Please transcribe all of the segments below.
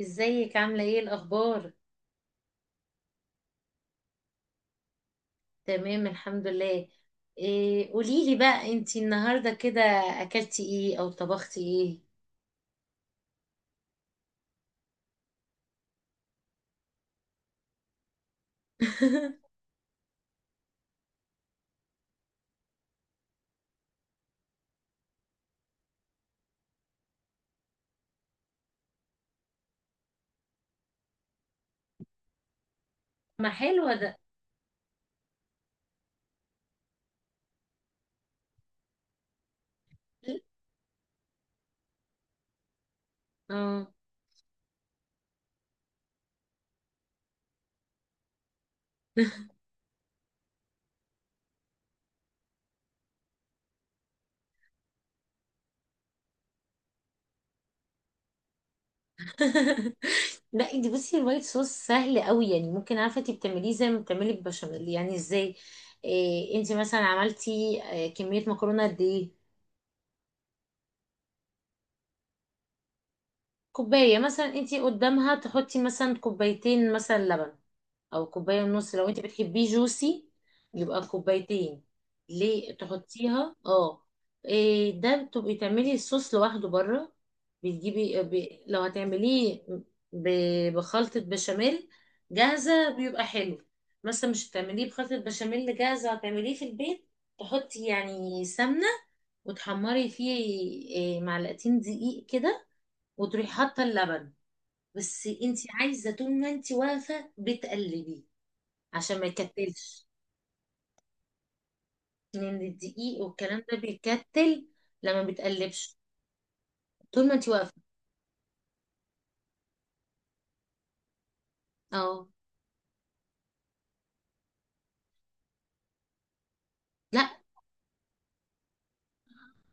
ازيك عاملة ايه الأخبار؟ تمام، الحمد لله. إيه، قوليلي بقى انتي النهاردة كده أكلتي ايه أو طبختي ايه؟ ما حلوة ده. اه. لا، انتي بصي الوايت صوص سهل قوي، يعني ممكن، عارفة انتي بتعمليه زي ما بتعملي البشاميل، يعني ازاي؟ إيه انتي مثلا عملتي كمية مكرونة قد ايه؟ كوباية مثلا انتي قدامها تحطي مثلا كوبايتين مثلا لبن، او كوبايه ونص لو انت بتحبيه جوسي، يبقى كوبايتين، ليه تحطيها. اه. إيه ده، بتبقي تعملي الصوص لوحده بره. بتجيبي لو هتعمليه ب... بخلطه بشاميل جاهزه بيبقى حلو. مثلا مش هتعمليه بخلطه بشاميل جاهزه، هتعمليه في البيت. تحطي يعني سمنه وتحمري فيه، معلقتين دقيق كده، وتروحي حاطه اللبن. بس انت عايزه طول ما انت واقفه بتقلبي، عشان ما يكتلش، لان الدقيق والكلام ده بيكتل لما بتقلبش، طول ما انت واقفه. اه. لا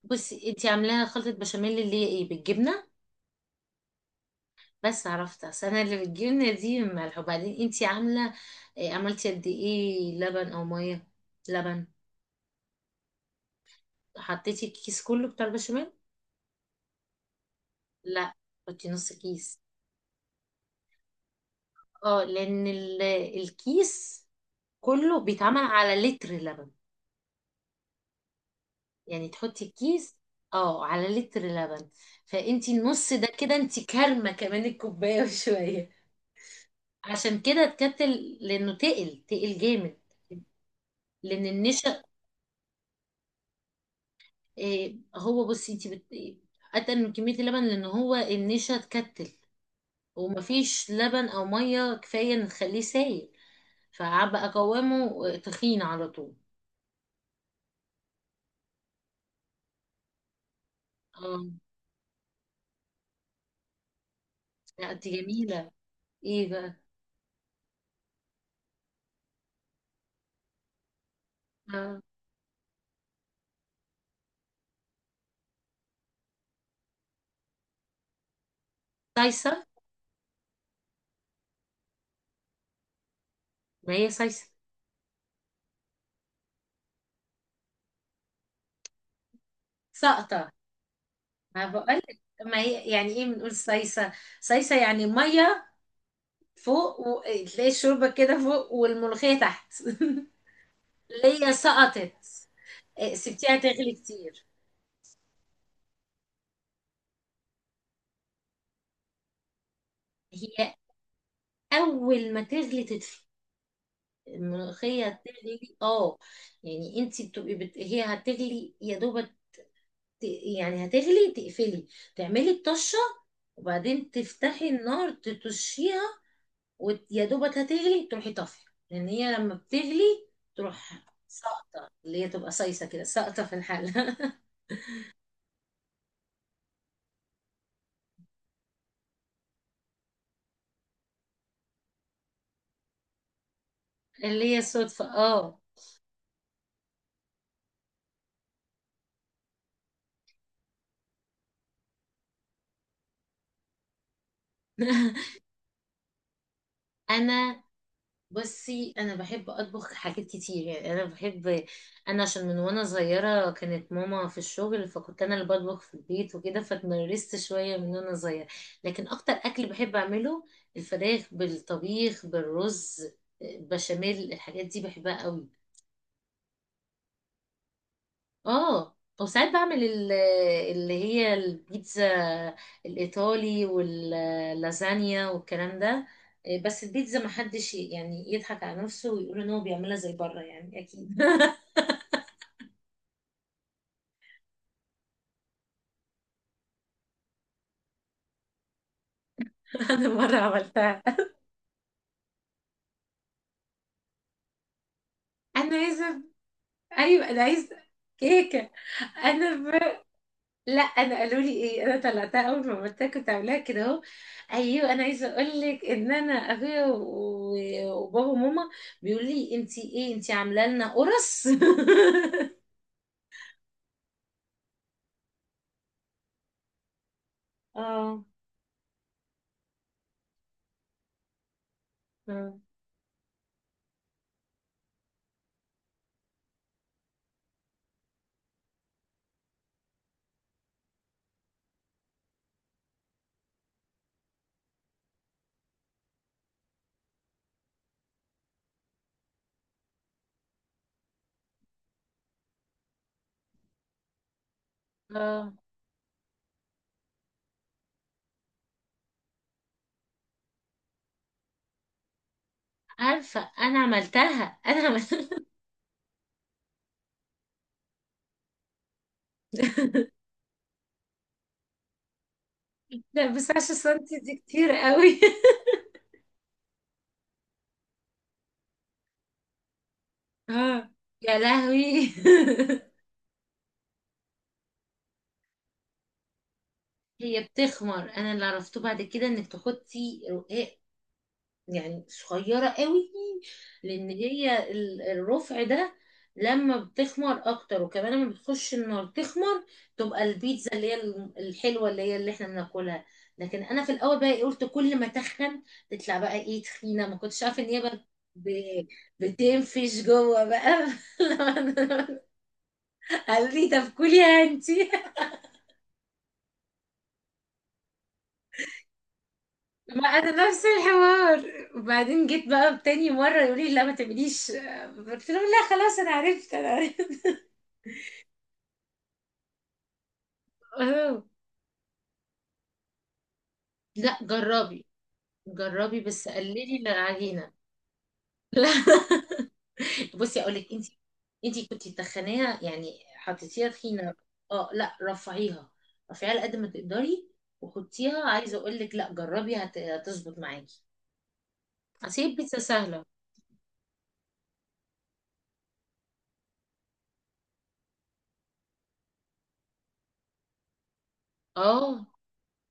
بصي، انت عاملاها خلطه بشاميل اللي هي ايه، بالجبنه. بس عرفت، اصل انا اللي بالجبنه دي ملح، وبعدين انت عامله إيه، عملتي قد ايه لبن او ميه، لبن. حطيتي الكيس كله بتاع البشاميل؟ لا، حطي نص كيس. اه، لان الكيس كله بيتعمل على لتر لبن. يعني تحطي كيس اه على لتر لبن، فانتي النص ده كده انتي كارمه كمان الكوبايه وشويه. عشان كده اتكتل، لانه تقل تقل جامد، لان النشا. إيه، هو بصي انتي اتقل من كميه اللبن، لان هو النشا اتكتل، ومفيش لبن او ميه كفايه ان تخليه سايل، فبقى قوامه تخين على طول. اه. لا دي جميله. ايه بقى؟ آه. سايسه. ما هي سايسه. سقطه. ما بقول، ما هي يعني ايه بنقول صيصة. صيصة يعني مية فوق، وتلاقي الشوربة كده فوق والملوخية تحت. ليا سقطت. سبتيها تغلي كتير. هي اول ما تغلي تطفي، الملوخية تغلي اه. يعني انت بتبقي هي هتغلي يا دوبك، ت- يعني هتغلي تقفلي، تعملي الطشة، وبعدين تفتحي النار تطشيها. ويا دوبك هتغلي تروحي طافيه، لان هي لما بتغلي تروح ساقطة، اللي هي تبقى صيصه كده ساقطه في الحله. اللي هي صدفه اه. انا بصي، انا بحب اطبخ حاجات كتير، يعني انا بحب، انا عشان من وانا صغيره كانت ماما في الشغل، فكنت انا اللي بطبخ في البيت وكده، فتمرست شويه من وانا صغيره. لكن اكتر اكل بحب اعمله الفراخ بالطبيخ بالرز، بشاميل، الحاجات دي بحبها قوي. اه. وساعات بعمل اللي هي البيتزا الإيطالي واللازانيا والكلام ده. بس البيتزا ما حدش يعني يضحك على نفسه ويقول ان هو بيعملها زي بره، يعني اكيد. انا مره عملتها. انا عايزه، ايوه انا عايزه. كيكه. انا لا انا قالوا لي ايه، انا طلعتها اول ما قلت لها كنت عاملاها كده اهو. ايوه انا عايزه اقول لك ان انا ابويا وبابا وماما بيقول لي انتي ايه، انتي عامله لنا قرص. اه. اه. آه. عارفه انا عملتها. انا عملتها. لا بس 10 سنتي دي كتير قوي. اه. يا لهوي. هي بتخمر، انا اللي عرفته بعد كده انك تحطي، يعني صغيرة قوي. لأن هي الرفع ده لما بتخمر أكتر، وكمان لما بتخش النار تخمر، تبقى البيتزا اللي هي الحلوة اللي هي اللي احنا بناكلها. لكن أنا في الأول بقى قلت كل ما تخن تطلع بقى تخينة، ما كنتش عارفة إن هي بقى ب- بتنفش جوه بقى. لما قالوا لي طب كليها انتي. ما انا نفس الحوار، وبعدين جيت بقى تاني مره يقول لي لا ما تعمليش، قلت له لا خلاص انا عرفت انا عرفت. آه. لا جربي. جربي بس قللي من العجينه. لا. بصي اقول لك انت كنت تخنيها، يعني حطيتيها تخينه. اه، لا رفعيها. رفعيها على قد ما تقدري، وحطيها. عايزه اقول لك لا جربي هتظبط معاكي، اصل هي البيتزا سهله. اه،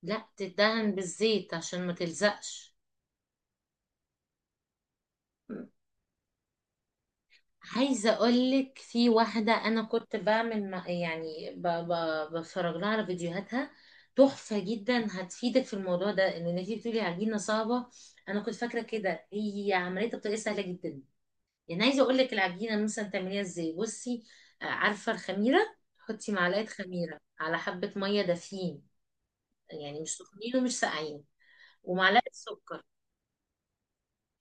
لا، تدهن بالزيت عشان ما تلزقش. عايزة أقولك في واحدة أنا كنت بعمل يعني بتفرج لها على فيديوهاتها، تحفة جدا، هتفيدك في الموضوع ده إن أنتي بتقولي عجينة صعبة. أنا كنت فاكرة كده، هي عمليتها بطريقة سهلة جدا. يعني عايزة أقولك العجينة مثلا تعمليها إزاي، بصي، عارفة الخميرة، حطي معلقة خميرة على حبة مية دافيين، يعني مش سخنين ومش ساقعين، ومعلقة سكر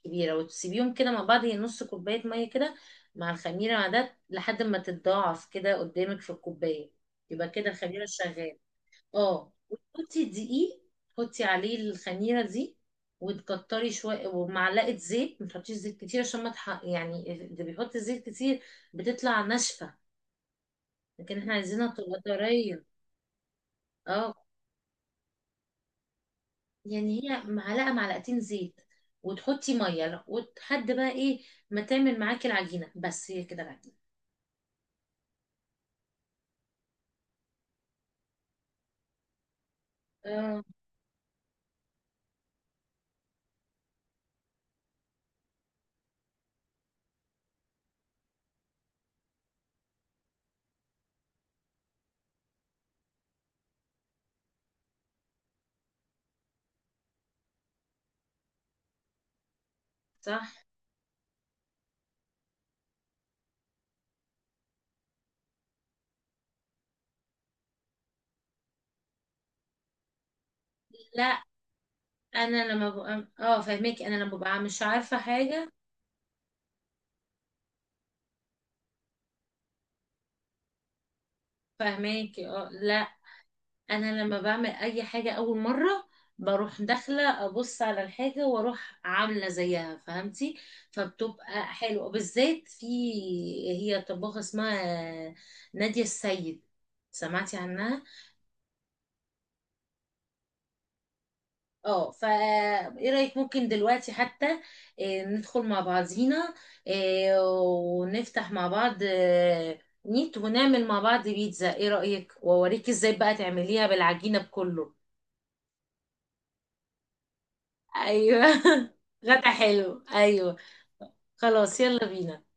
كبيرة، وتسيبيهم كده مع بعض. هي نص كوباية مية كده مع الخميرة مع ده لحد ما تتضاعف كده قدامك في الكوباية، يبقى كده الخميرة شغال. اه، وتحطي دقيق، حطي عليه الخميرة دي، وتكتري شوية، ومعلقة زيت. ما تحطيش زيت كتير، عشان ما يعني اللي بيحط زيت كتير بتطلع ناشفة، لكن احنا عايزينها تبقى طرية. اه. يعني هي معلقة معلقتين زيت، وتحطي مية، وتحد بقى ايه ما تعمل معاكي العجينة، بس هي كده العجينة. اه. صح. لا، انا لما ببقى اه، فاهماكي، انا لما ببقى مش عارفه حاجه. فاهماكي اه. لا، انا لما بعمل اي حاجه اول مره بروح داخله ابص على الحاجه، واروح عامله زيها، فهمتي. فبتبقى حلوه، بالذات في، هي طباخه اسمها ناديه السيد، سمعتي عنها؟ اه، فا ايه رأيك، ممكن دلوقتي حتى ندخل مع بعضينا، ونفتح مع بعض نيت، ونعمل مع بعض بيتزا. ايه رأيك؟ واوريك ازاي بقى تعمليها بالعجينة بكله. ايوه. غدا حلو ايوه. خلاص، يلا بينا.